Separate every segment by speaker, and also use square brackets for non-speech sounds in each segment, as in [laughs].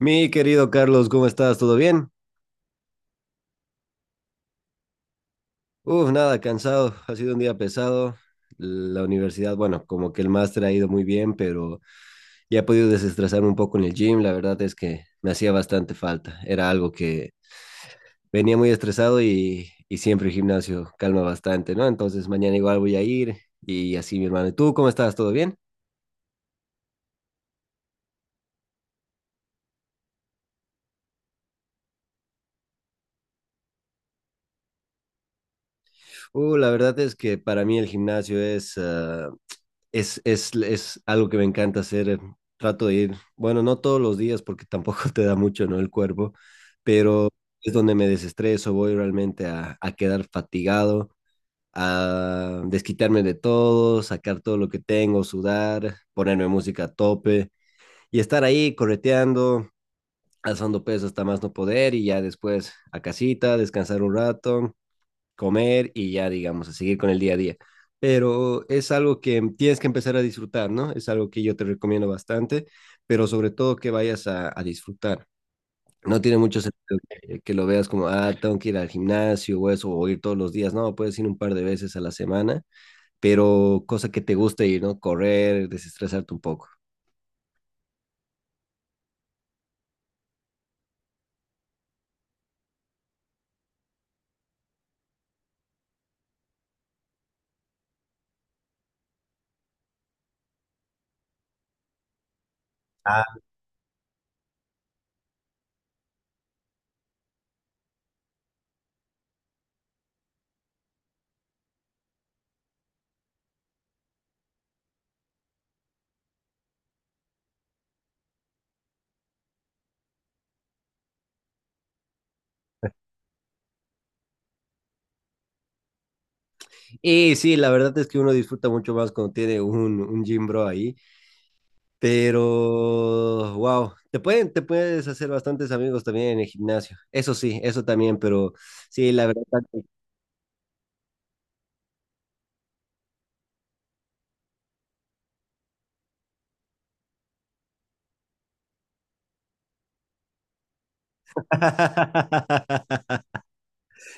Speaker 1: Mi querido Carlos, ¿cómo estás? ¿Todo bien? Uf, nada, cansado. Ha sido un día pesado. La universidad, bueno, como que el máster ha ido muy bien, pero ya he podido desestresarme un poco en el gym. La verdad es que me hacía bastante falta. Era algo que venía muy estresado y siempre el gimnasio calma bastante, ¿no? Entonces mañana igual voy a ir y así, mi hermano. ¿Y tú cómo estás? ¿Todo bien? La verdad es que para mí el gimnasio es algo que me encanta hacer. Trato de ir, bueno, no todos los días porque [laughs] tampoco te da mucho, ¿no? El cuerpo, pero es donde me desestreso, voy realmente a quedar fatigado, a desquitarme de todo, sacar todo lo que tengo, sudar, ponerme música a tope y estar ahí correteando, alzando peso hasta más no poder y ya después a casita, descansar un rato comer y ya, digamos, a seguir con el día a día. Pero es algo que tienes que empezar a disfrutar, ¿no? Es algo que yo te recomiendo bastante, pero sobre todo que vayas a disfrutar. No tiene mucho sentido que lo veas como, ah, tengo que ir al gimnasio o eso, o ir todos los días. No, puedes ir un par de veces a la semana, pero cosa que te guste ir, ¿no? Correr, desestresarte un poco. Ah. Y sí, la verdad es que uno disfruta mucho más cuando tiene un gym bro ahí. Pero, wow, te pueden, te puedes hacer bastantes amigos también en el gimnasio. Eso sí, eso también, pero sí, la verdad. [laughs]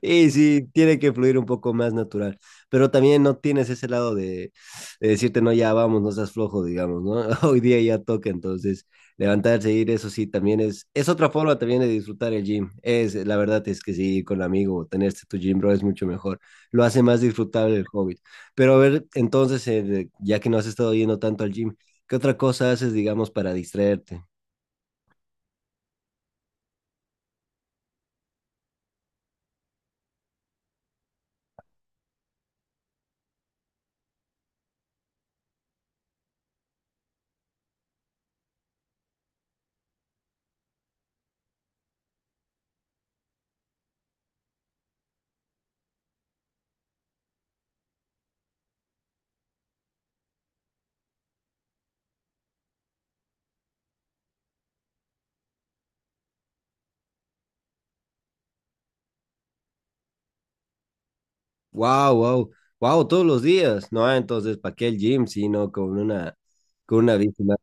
Speaker 1: Y sí, tiene que fluir un poco más natural, pero también no tienes ese lado de decirte, no, ya vamos, no seas flojo, digamos, ¿no? [laughs] Hoy día ya toca, entonces levantarse e ir, eso sí, también es otra forma también de disfrutar el gym. Es, la verdad es que sí, ir con amigo, o tenerte tu gym, bro, es mucho mejor. Lo hace más disfrutable el hobby. Pero a ver, entonces, ya que no has estado yendo tanto al gym, ¿qué otra cosa haces, digamos, para distraerte? Wow, wow, wow, todos los días, ¿no? Ah, entonces, ¿para qué el gym? Sino con una bici más.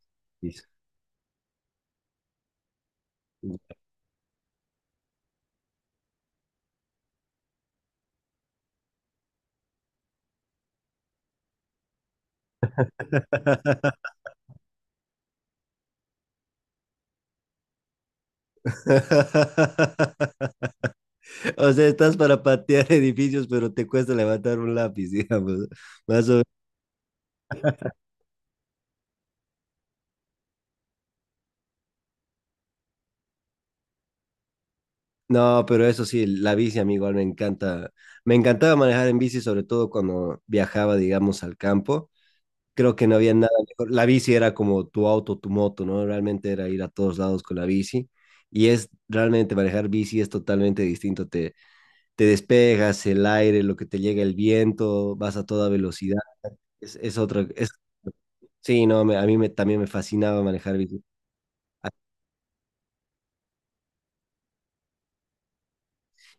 Speaker 1: [laughs] O sea, estás para patear edificios, pero te cuesta levantar un lápiz, [laughs] digamos. Más o-. No, pero eso sí, la bici, amigo, me encanta. Me encantaba manejar en bici, sobre todo cuando viajaba, digamos, al campo. Creo que no había nada mejor. La bici era como tu auto, tu moto, ¿no? Realmente era ir a todos lados con la bici. Y es realmente manejar bici es totalmente distinto. Te despegas, el aire, lo que te llega el viento, vas a toda velocidad. Es, es otra es, sí, no, a mí me, también me fascinaba manejar bici.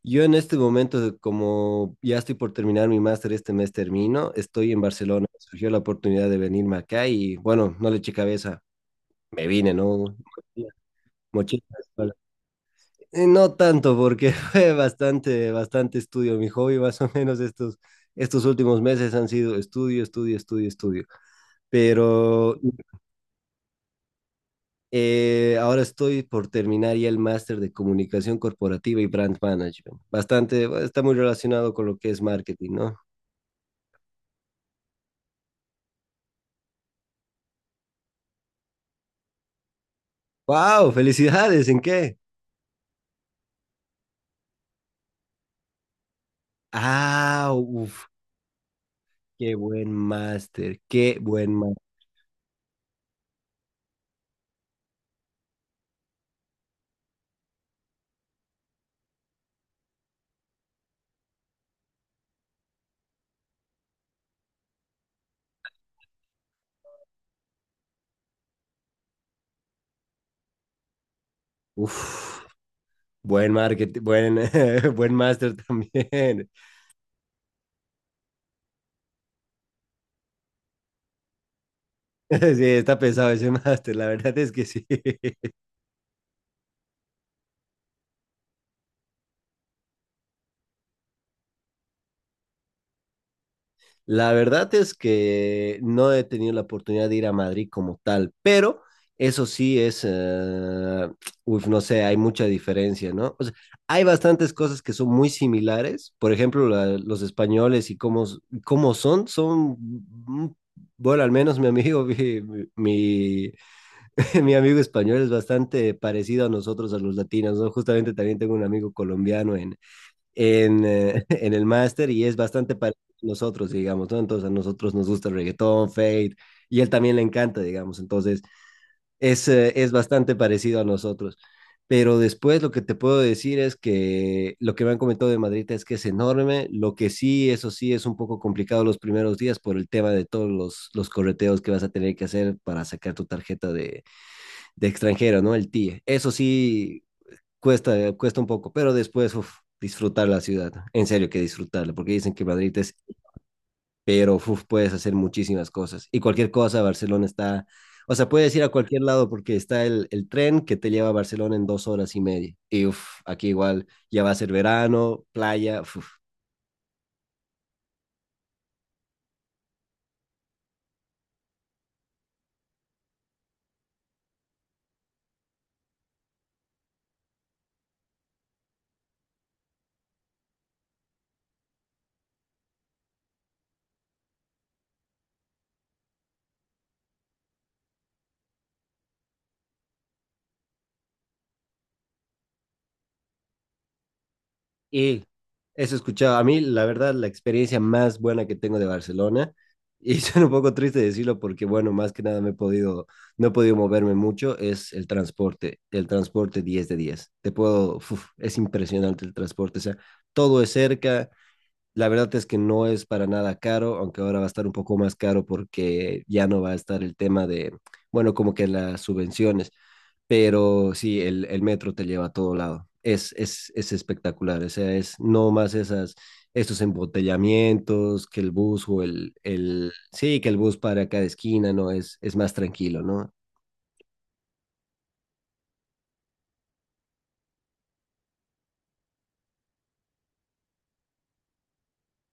Speaker 1: Yo en este momento, como ya estoy por terminar mi máster, este mes termino, estoy en Barcelona. Surgió la oportunidad de venirme acá y bueno, no le eché cabeza, me vine, ¿no? Mochila. No tanto, porque [laughs] fue bastante, bastante estudio. Mi hobby, más o menos, estos últimos meses han sido estudio, estudio, estudio, estudio. Pero ahora estoy por terminar ya el máster de comunicación corporativa y brand management. Bastante, bueno, está muy relacionado con lo que es marketing, ¿no? ¡Wow! ¡Felicidades! ¿En qué? ¡Ah! ¡Uf! ¡Qué buen máster! ¡Qué buen máster! ¡Uf! Buen marketing, buen, [laughs] buen máster también. [laughs] Sí, está pesado ese [laughs] máster, la verdad es que sí. [laughs] La verdad es que no he tenido la oportunidad de ir a Madrid como tal, pero eso sí es, uf, no sé, hay mucha diferencia, ¿no? O sea, hay bastantes cosas que son muy similares, por ejemplo, los españoles y cómo, cómo son, bueno, al menos mi amigo, [laughs] mi, mi, [laughs] mi amigo español es bastante parecido a nosotros, a los latinos, ¿no? Justamente también tengo un amigo colombiano en, [laughs] en el máster y es bastante parecido a nosotros, digamos, ¿no? Entonces a nosotros nos gusta el reggaetón, Fate, y él también le encanta, digamos, entonces es bastante parecido a nosotros. Pero después lo que te puedo decir es que lo que me han comentado de Madrid es que es enorme, lo que sí, eso sí, es un poco complicado los primeros días por el tema de todos los correteos que vas a tener que hacer para sacar tu tarjeta de extranjero, ¿no? El TIE. Eso sí, cuesta, cuesta un poco, pero después, uf, disfrutar la ciudad. En serio que disfrutarla, porque dicen que Madrid es, pero uf, puedes hacer muchísimas cosas. Y cualquier cosa, Barcelona está, o sea, puedes ir a cualquier lado porque está el tren que te lleva a Barcelona en dos horas y media. Y uf, aquí igual ya va a ser verano, playa, uf. Y eso he escuchado. A mí, la verdad, la experiencia más buena que tengo de Barcelona, y [laughs] suena un poco triste decirlo porque, bueno, más que nada no he podido moverme mucho, es el transporte. El transporte 10 de diez. Te puedo, uf, es impresionante el transporte. O sea, todo es cerca. La verdad es que no es para nada caro, aunque ahora va a estar un poco más caro porque ya no va a estar el tema de, bueno, como que las subvenciones, pero sí, el metro te lleva a todo lado. Es espectacular, o sea, es no más esas, estos embotellamientos, que el bus o sí, que el bus para cada esquina, no, es más tranquilo, ¿no?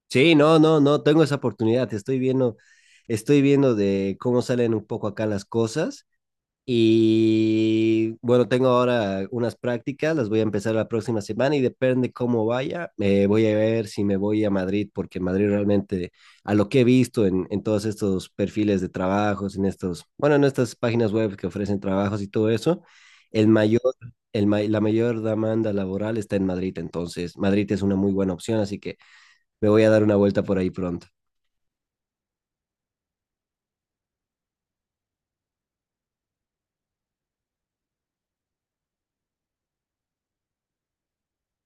Speaker 1: Sí, no, no, no, tengo esa oportunidad, estoy viendo de cómo salen un poco acá las cosas. Y bueno, tengo ahora unas prácticas, las voy a empezar la próxima semana y depende cómo vaya, voy a ver si me voy a Madrid, porque Madrid realmente, a lo que he visto en todos estos perfiles de trabajos, en estos, bueno, en estas páginas web que ofrecen trabajos y todo eso, el mayor, el, ma- la mayor demanda laboral está en Madrid, entonces Madrid es una muy buena opción, así que me voy a dar una vuelta por ahí pronto.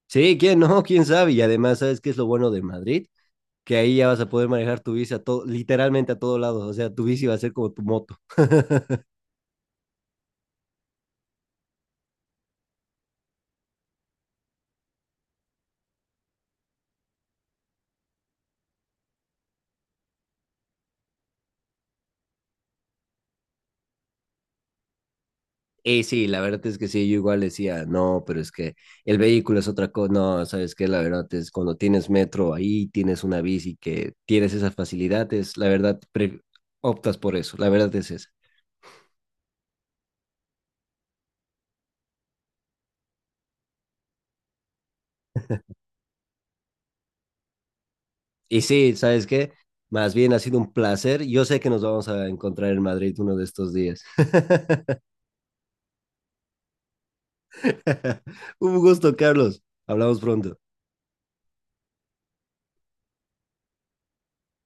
Speaker 1: Sí, ¿quién no? ¿Quién sabe? Y además, ¿sabes qué es lo bueno de Madrid? Que ahí ya vas a poder manejar tu bici a todo, literalmente a todos lados, o sea, tu bici va a ser como tu moto. [laughs] Y sí, la verdad es que sí, yo igual decía, no, pero es que el vehículo es otra cosa, no, sabes que la verdad es cuando tienes metro ahí, tienes una bici que tienes esas facilidades, la verdad pre optas por eso, la verdad es esa. Y sí, sabes qué, más bien ha sido un placer, yo sé que nos vamos a encontrar en Madrid uno de estos días. [laughs] Un gusto, Carlos, hablamos pronto.